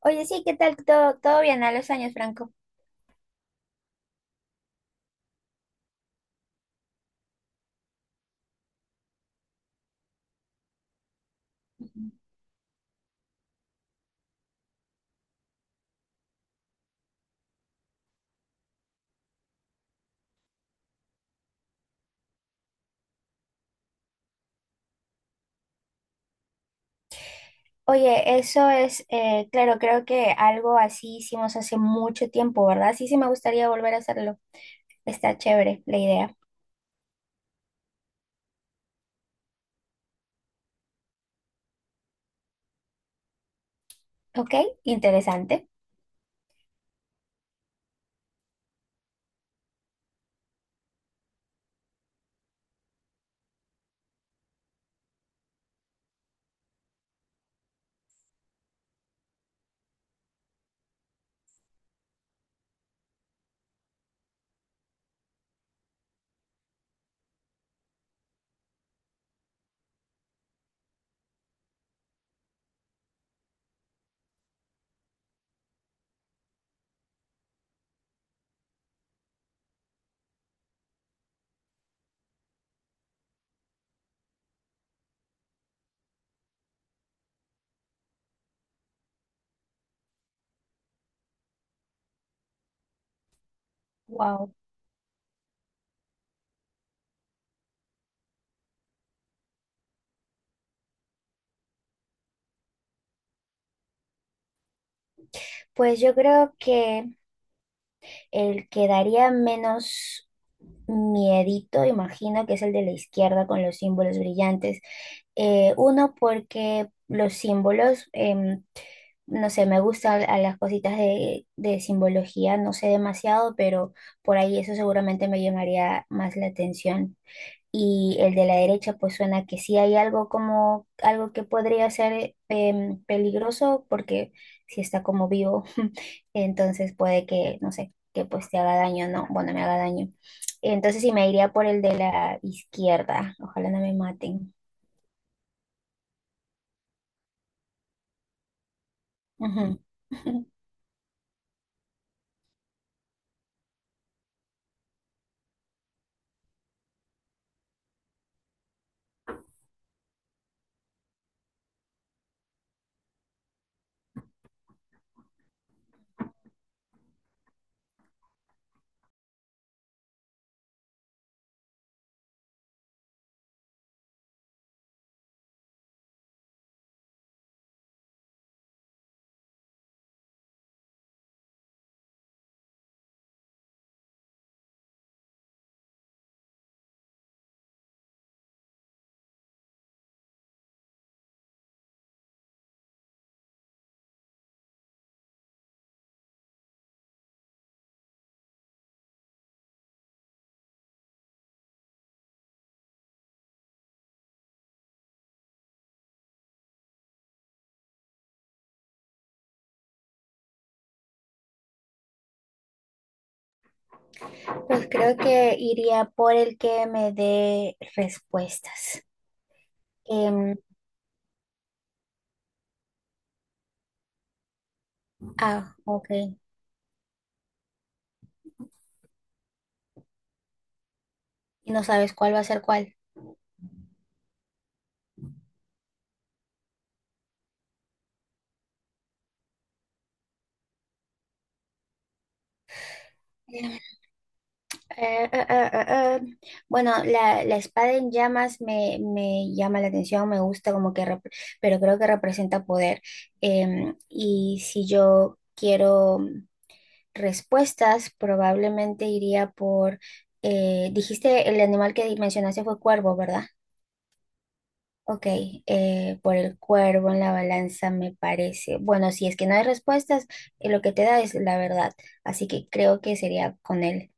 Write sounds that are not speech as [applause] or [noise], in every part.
Oye, sí, ¿qué tal? Todo bien a los años, Franco. Ujú. Oye, eso es, claro, creo que algo así hicimos hace mucho tiempo, ¿verdad? Sí, sí, me gustaría volver a hacerlo. Está chévere la idea. Ok, interesante. Wow. Pues yo creo que el que daría menos miedito, imagino que es el de la izquierda con los símbolos brillantes. Uno, porque los símbolos, no sé, me gustan a las cositas de simbología, no sé demasiado, pero por ahí eso seguramente me llamaría más la atención. Y el de la derecha, pues suena que sí hay algo como algo que podría ser peligroso, porque si está como vivo, [laughs] entonces puede que, no sé, que pues te haga daño, no, bueno, me haga daño. Entonces sí me iría por el de la izquierda, ojalá no me maten. Ujú. [laughs] Pues creo que iría por el que me dé respuestas. Em, ah, ok. Y no sabes cuál va a ser cuál. Eh, eh, eh, eh, eh. Bueno, la espada en llamas me llama la atención, me gusta como que, pero creo que representa poder. Y si yo quiero respuestas, probablemente iría dijiste el animal que mencionaste fue cuervo, ¿verdad? Ok, por el cuervo en la balanza me parece. Bueno, si es que no hay respuestas, lo que te da es la verdad. Así que creo que sería con él.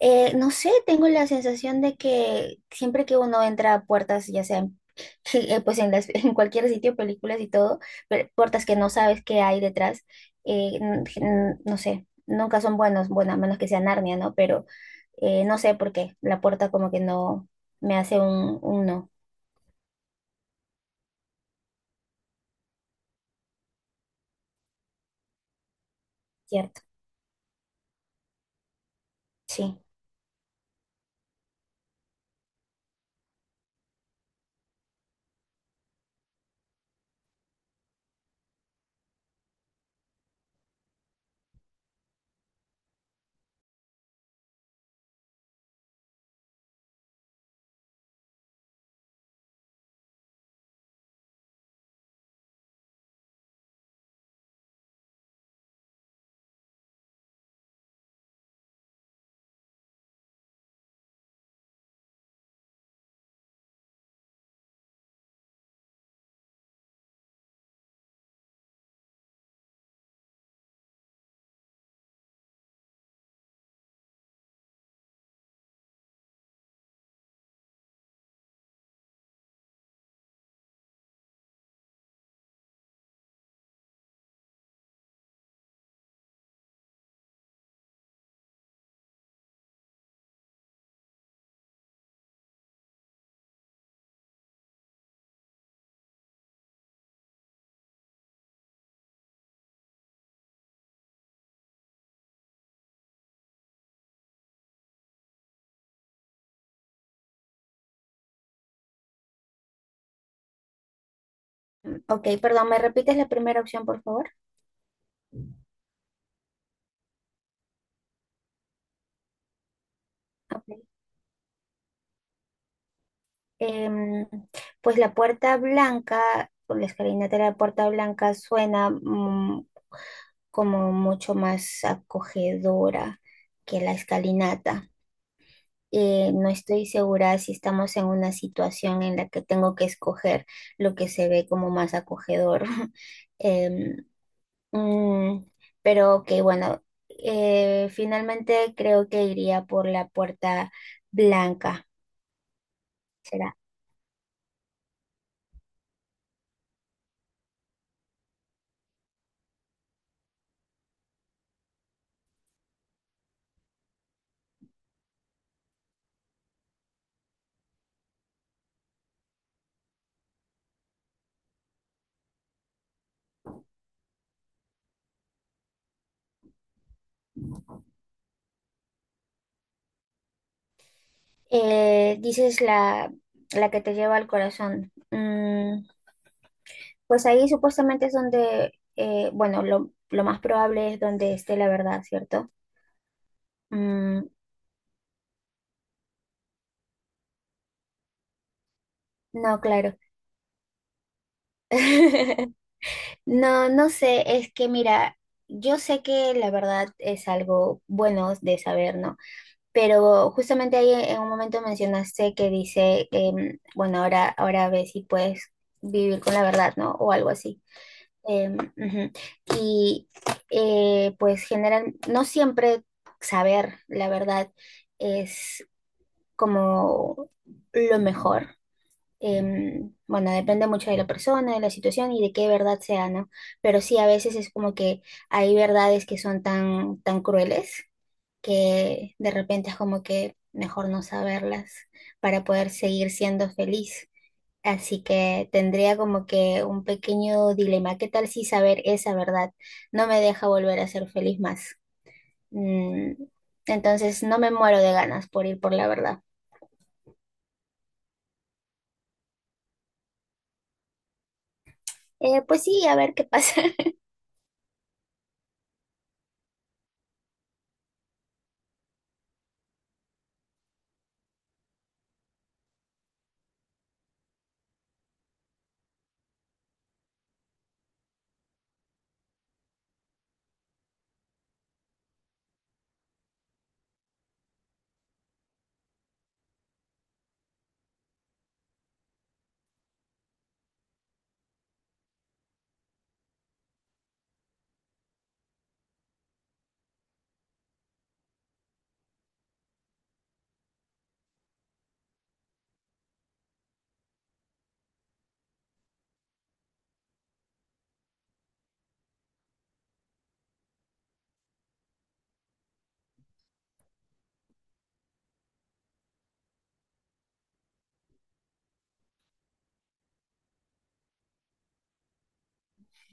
No sé, tengo la sensación de que siempre que uno entra a puertas, [laughs] pues en las, en cualquier sitio, películas y todo, pero puertas que no sabes qué hay detrás, no sé, nunca son buenos, bueno, a menos que sea Narnia, ¿no? Pero no sé por qué, la puerta como que no me hace un no, ¿cierto? Sí. Ok, perdón, ¿me repites la primera opción, por favor? Ok. Em, pues la puerta blanca, o la escalinata de la puerta blanca suena mm, como mucho más acogedora que la escalinata. No estoy segura si estamos en una situación en la que tengo que escoger lo que se ve como más acogedor. [laughs] Em, mm, pero ok, bueno, finalmente creo que iría por la puerta blanca. Será. Dices la que te lleva al corazón. Mm, pues ahí supuestamente es donde, bueno, lo más probable es donde esté la verdad, ¿cierto? Mm, no, claro. [laughs] No, no sé, es que mira, yo sé que la verdad es algo bueno de saber, ¿no? Pero justamente ahí en un momento mencionaste que dice, bueno, ahora ves si puedes vivir con la verdad, ¿no? O algo así. Em, ujú. Y pues general, no siempre saber la verdad es como lo mejor. Bueno, depende mucho de la persona, de la situación y de qué verdad sea, ¿no? Pero sí, a veces es como que hay verdades que son tan, tan crueles que de repente es como que mejor no saberlas para poder seguir siendo feliz. Así que tendría como que un pequeño dilema. ¿Qué tal si saber esa verdad no me deja volver a ser feliz más? Mm, entonces no me muero de ganas por ir por la verdad. Pues sí, a ver qué pasa. [laughs]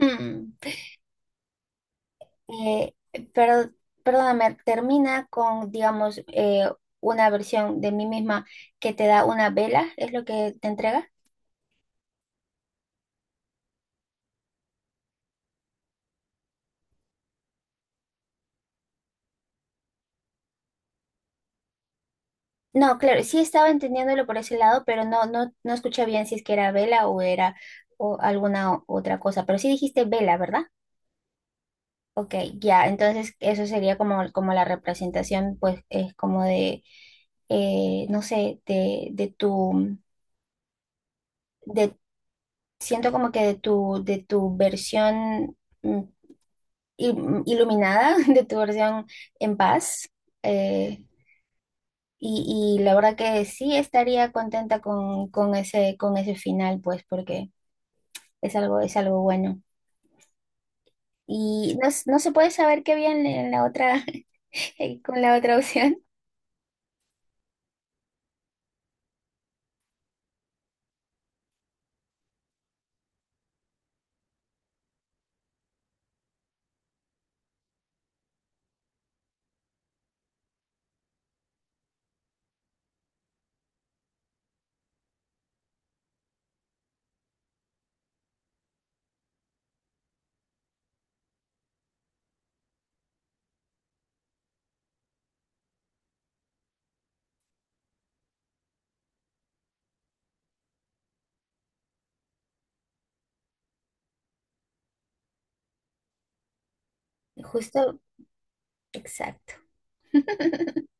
Mm, eh, pero, perdóname, termina con, digamos, una versión de mí misma que te da una vela, ¿es lo que te entrega? No, claro, sí estaba entendiéndolo por ese lado, pero no escuché bien si es que era vela o era o otra cosa. Pero sí dijiste vela, ¿verdad? Ok, ya, entonces eso sería como, como la representación, pues, es como de, no sé, de tu, de, siento como que de de tu versión mm, iluminada, [laughs] de tu versión en paz. eh, y la verdad que sí estaría contenta con ese final, pues, porque es algo bueno. Y no, no se puede saber qué había en la otra, [laughs] con la otra opción. Justo, exacto. [laughs]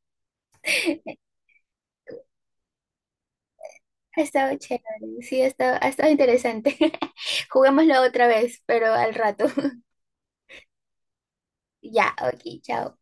Ha estado chévere, sí, ha estado interesante. [laughs] Juguémoslo otra vez, pero al rato. [laughs] Ya, ok, chao.